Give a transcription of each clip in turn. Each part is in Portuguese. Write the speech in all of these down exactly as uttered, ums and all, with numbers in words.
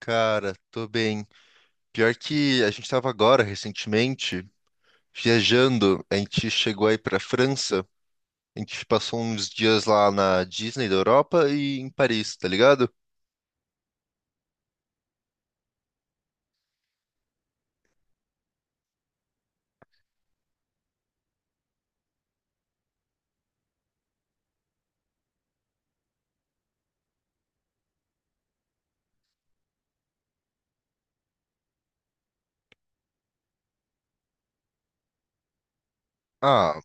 Cara, tô bem. Pior que a gente tava agora, recentemente, viajando. A gente chegou aí pra França. A gente passou uns dias lá na Disney da Europa e em Paris, tá ligado? Ah,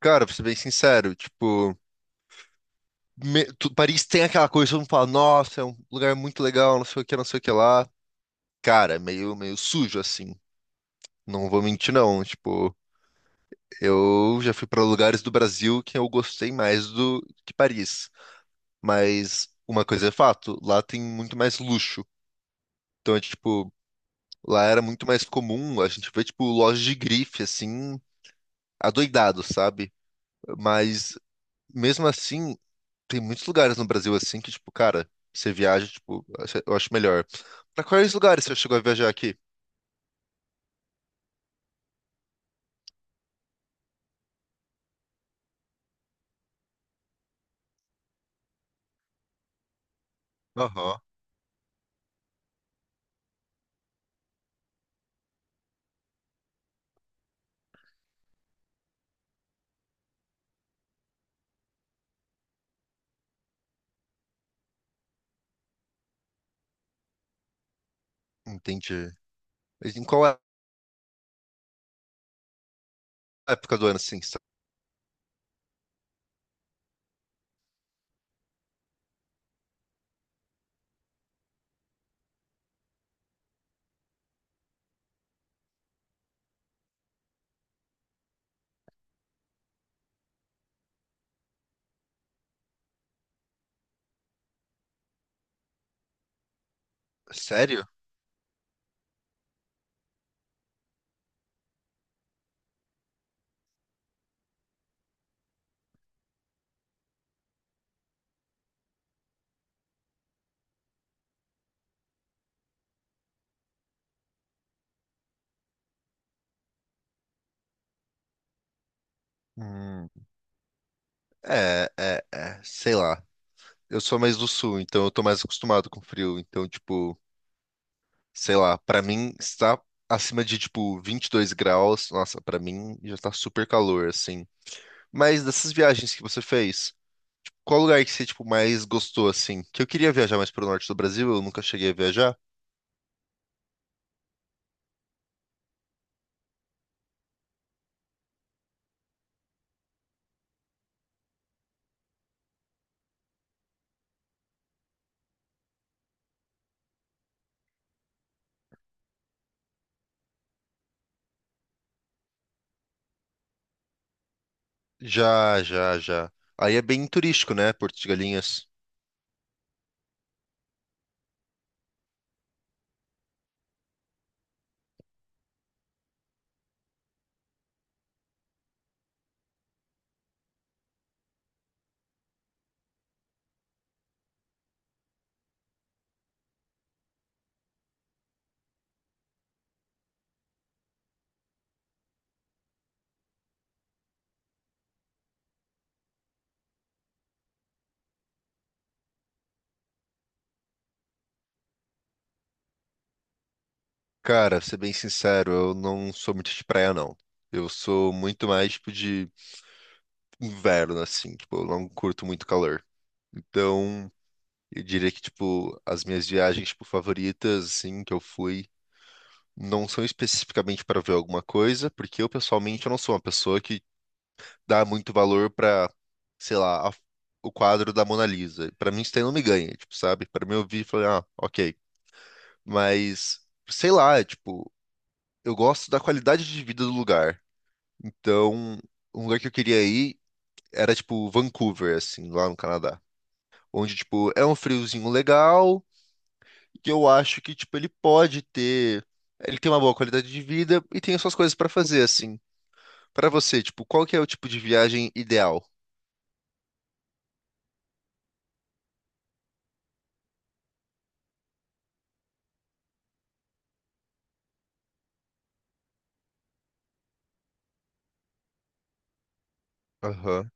cara, pra ser bem sincero, tipo, me- tu- Paris tem aquela coisa, todo mundo fala, nossa, é um lugar muito legal, não sei o que, não sei o que lá. Cara, meio, meio sujo, assim. Não vou mentir, não. Tipo, eu já fui pra lugares do Brasil que eu gostei mais do que Paris. Mas uma coisa é fato, lá tem muito mais luxo. Então é tipo, lá era muito mais comum, a gente vê tipo lojas de grife assim, adoidado, sabe? Mas mesmo assim, tem muitos lugares no Brasil assim que tipo, cara, você viaja, tipo, eu acho melhor. Pra quais lugares você chegou a viajar aqui? Aham. Entendi. Mas em qual época do ano assim? sé- Sério? Hum, é, é, é, sei lá. Eu sou mais do sul, então eu tô mais acostumado com frio, então tipo sei lá, pra mim está acima de tipo vinte e dois graus. Nossa, pra mim já tá super calor assim. Mas dessas viagens que você fez, qual lugar que você tipo mais gostou assim? Que eu queria viajar mais pro norte do Brasil, eu nunca cheguei a viajar. Já, já, já. Aí é bem turístico, né, Porto de Galinhas. Cara, ser bem sincero, eu não sou muito de praia não. Eu sou muito mais tipo de inverno assim, tipo, eu não curto muito calor. Então, eu diria que, tipo, as minhas viagens, tipo, favoritas, assim, que eu fui, não são especificamente para ver alguma coisa, porque eu, pessoalmente, eu não sou uma pessoa que dá muito valor para, sei lá, a- o quadro da Mona Lisa. Para mim, isso daí não me ganha, tipo, sabe? Para mim, eu vi e falei, ah, ok. Mas, sei lá, é, tipo, eu gosto da qualidade de vida do lugar. Então, um lugar que eu queria ir era, tipo, Vancouver, assim, lá no Canadá. Onde, tipo, é um friozinho legal que eu acho que, tipo, ele pode ter. Ele tem uma boa qualidade de vida e tem as suas coisas pra fazer, assim. Pra você, tipo, qual que é o tipo de viagem ideal? Aham,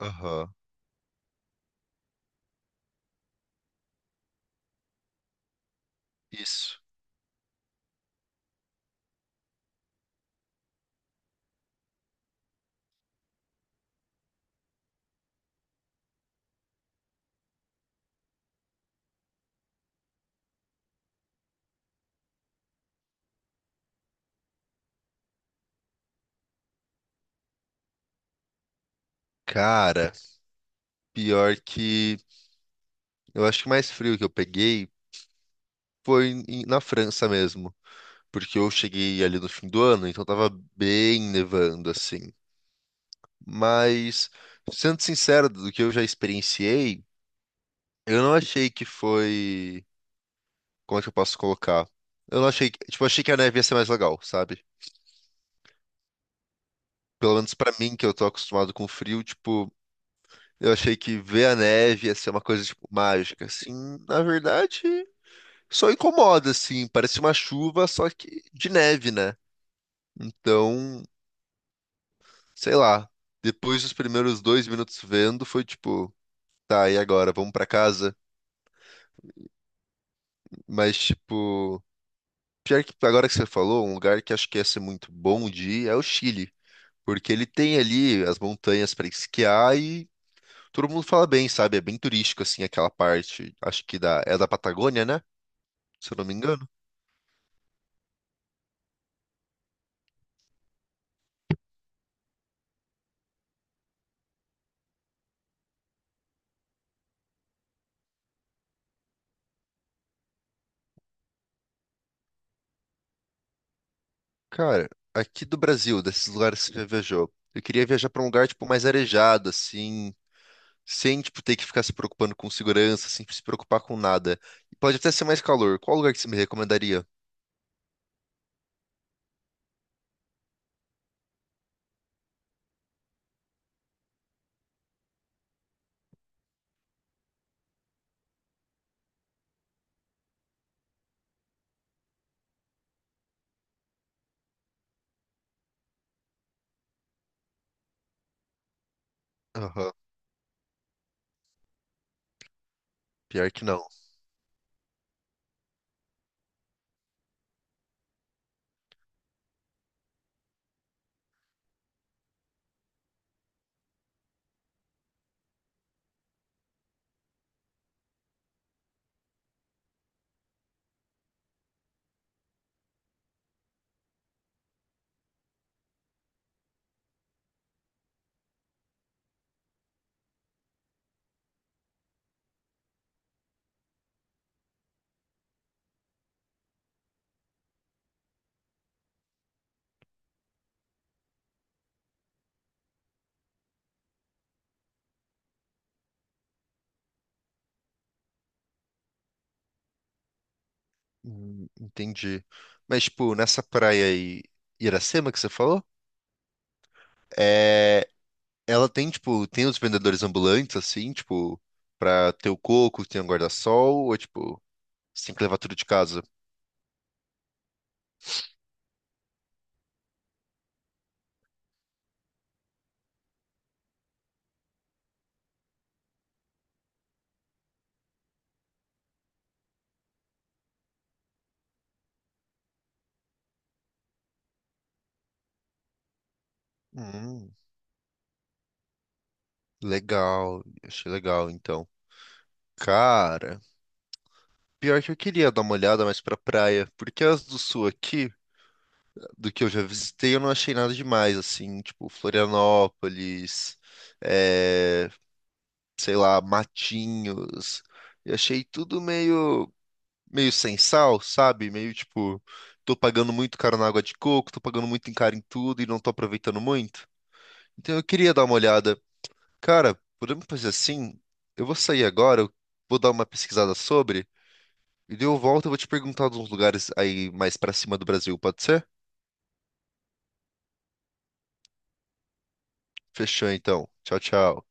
aham. Isso. Cara, pior que. Eu acho que o mais frio que eu peguei foi em- na França mesmo. Porque eu cheguei ali no fim do ano, então tava bem nevando, assim. Mas, sendo sincero, do que eu já experienciei, eu não achei que foi. Como é que eu posso colocar? Eu não achei, que- tipo, achei que a neve ia ser mais legal, sabe? Pelo menos pra mim, que eu tô acostumado com frio, tipo, eu achei que ver a neve ia ser uma coisa, tipo, mágica. Assim, na verdade, só incomoda, assim, parece uma chuva, só que de neve, né? Então, sei lá, depois dos primeiros dois minutos vendo, foi tipo, tá, e agora, vamos pra casa? Mas, tipo, pior que agora que você falou, um lugar que acho que ia ser muito bom de ir é o Chile. Porque ele tem ali as montanhas para esquiar e todo mundo fala bem, sabe? É bem turístico, assim, aquela parte. Acho que da, é da Patagônia, né? Se eu não me engano. Cara, aqui do Brasil, desses lugares que você já viajou, eu queria viajar para um lugar, tipo, mais arejado, assim, sem, tipo, ter que ficar se preocupando com segurança, sem se preocupar com nada. E pode até ser mais calor. Qual lugar que você me recomendaria? Aham, pior que não. Hum, entendi. Mas, tipo, nessa praia aí, Iracema que você falou? É. Ela tem, tipo, tem os vendedores ambulantes, assim, tipo, pra ter o coco, tem o guarda-sol, ou, tipo, você tem que levar tudo de casa? Hum, legal, achei legal, então. Cara, pior que eu queria dar uma olhada mais pra praia, porque as do sul aqui, do que eu já visitei, eu não achei nada demais, assim, tipo, Florianópolis, é, sei lá, Matinhos, eu achei tudo meio. meio sem sal, sabe? Meio tipo, tô pagando muito caro na água de coco, tô pagando muito em caro em tudo e não tô aproveitando muito. Então eu queria dar uma olhada. Cara, podemos fazer assim? Eu vou sair agora, eu vou dar uma pesquisada sobre, e daí eu volto e vou te perguntar de uns lugares aí mais pra cima do Brasil, pode ser? Fechou então. Tchau, tchau.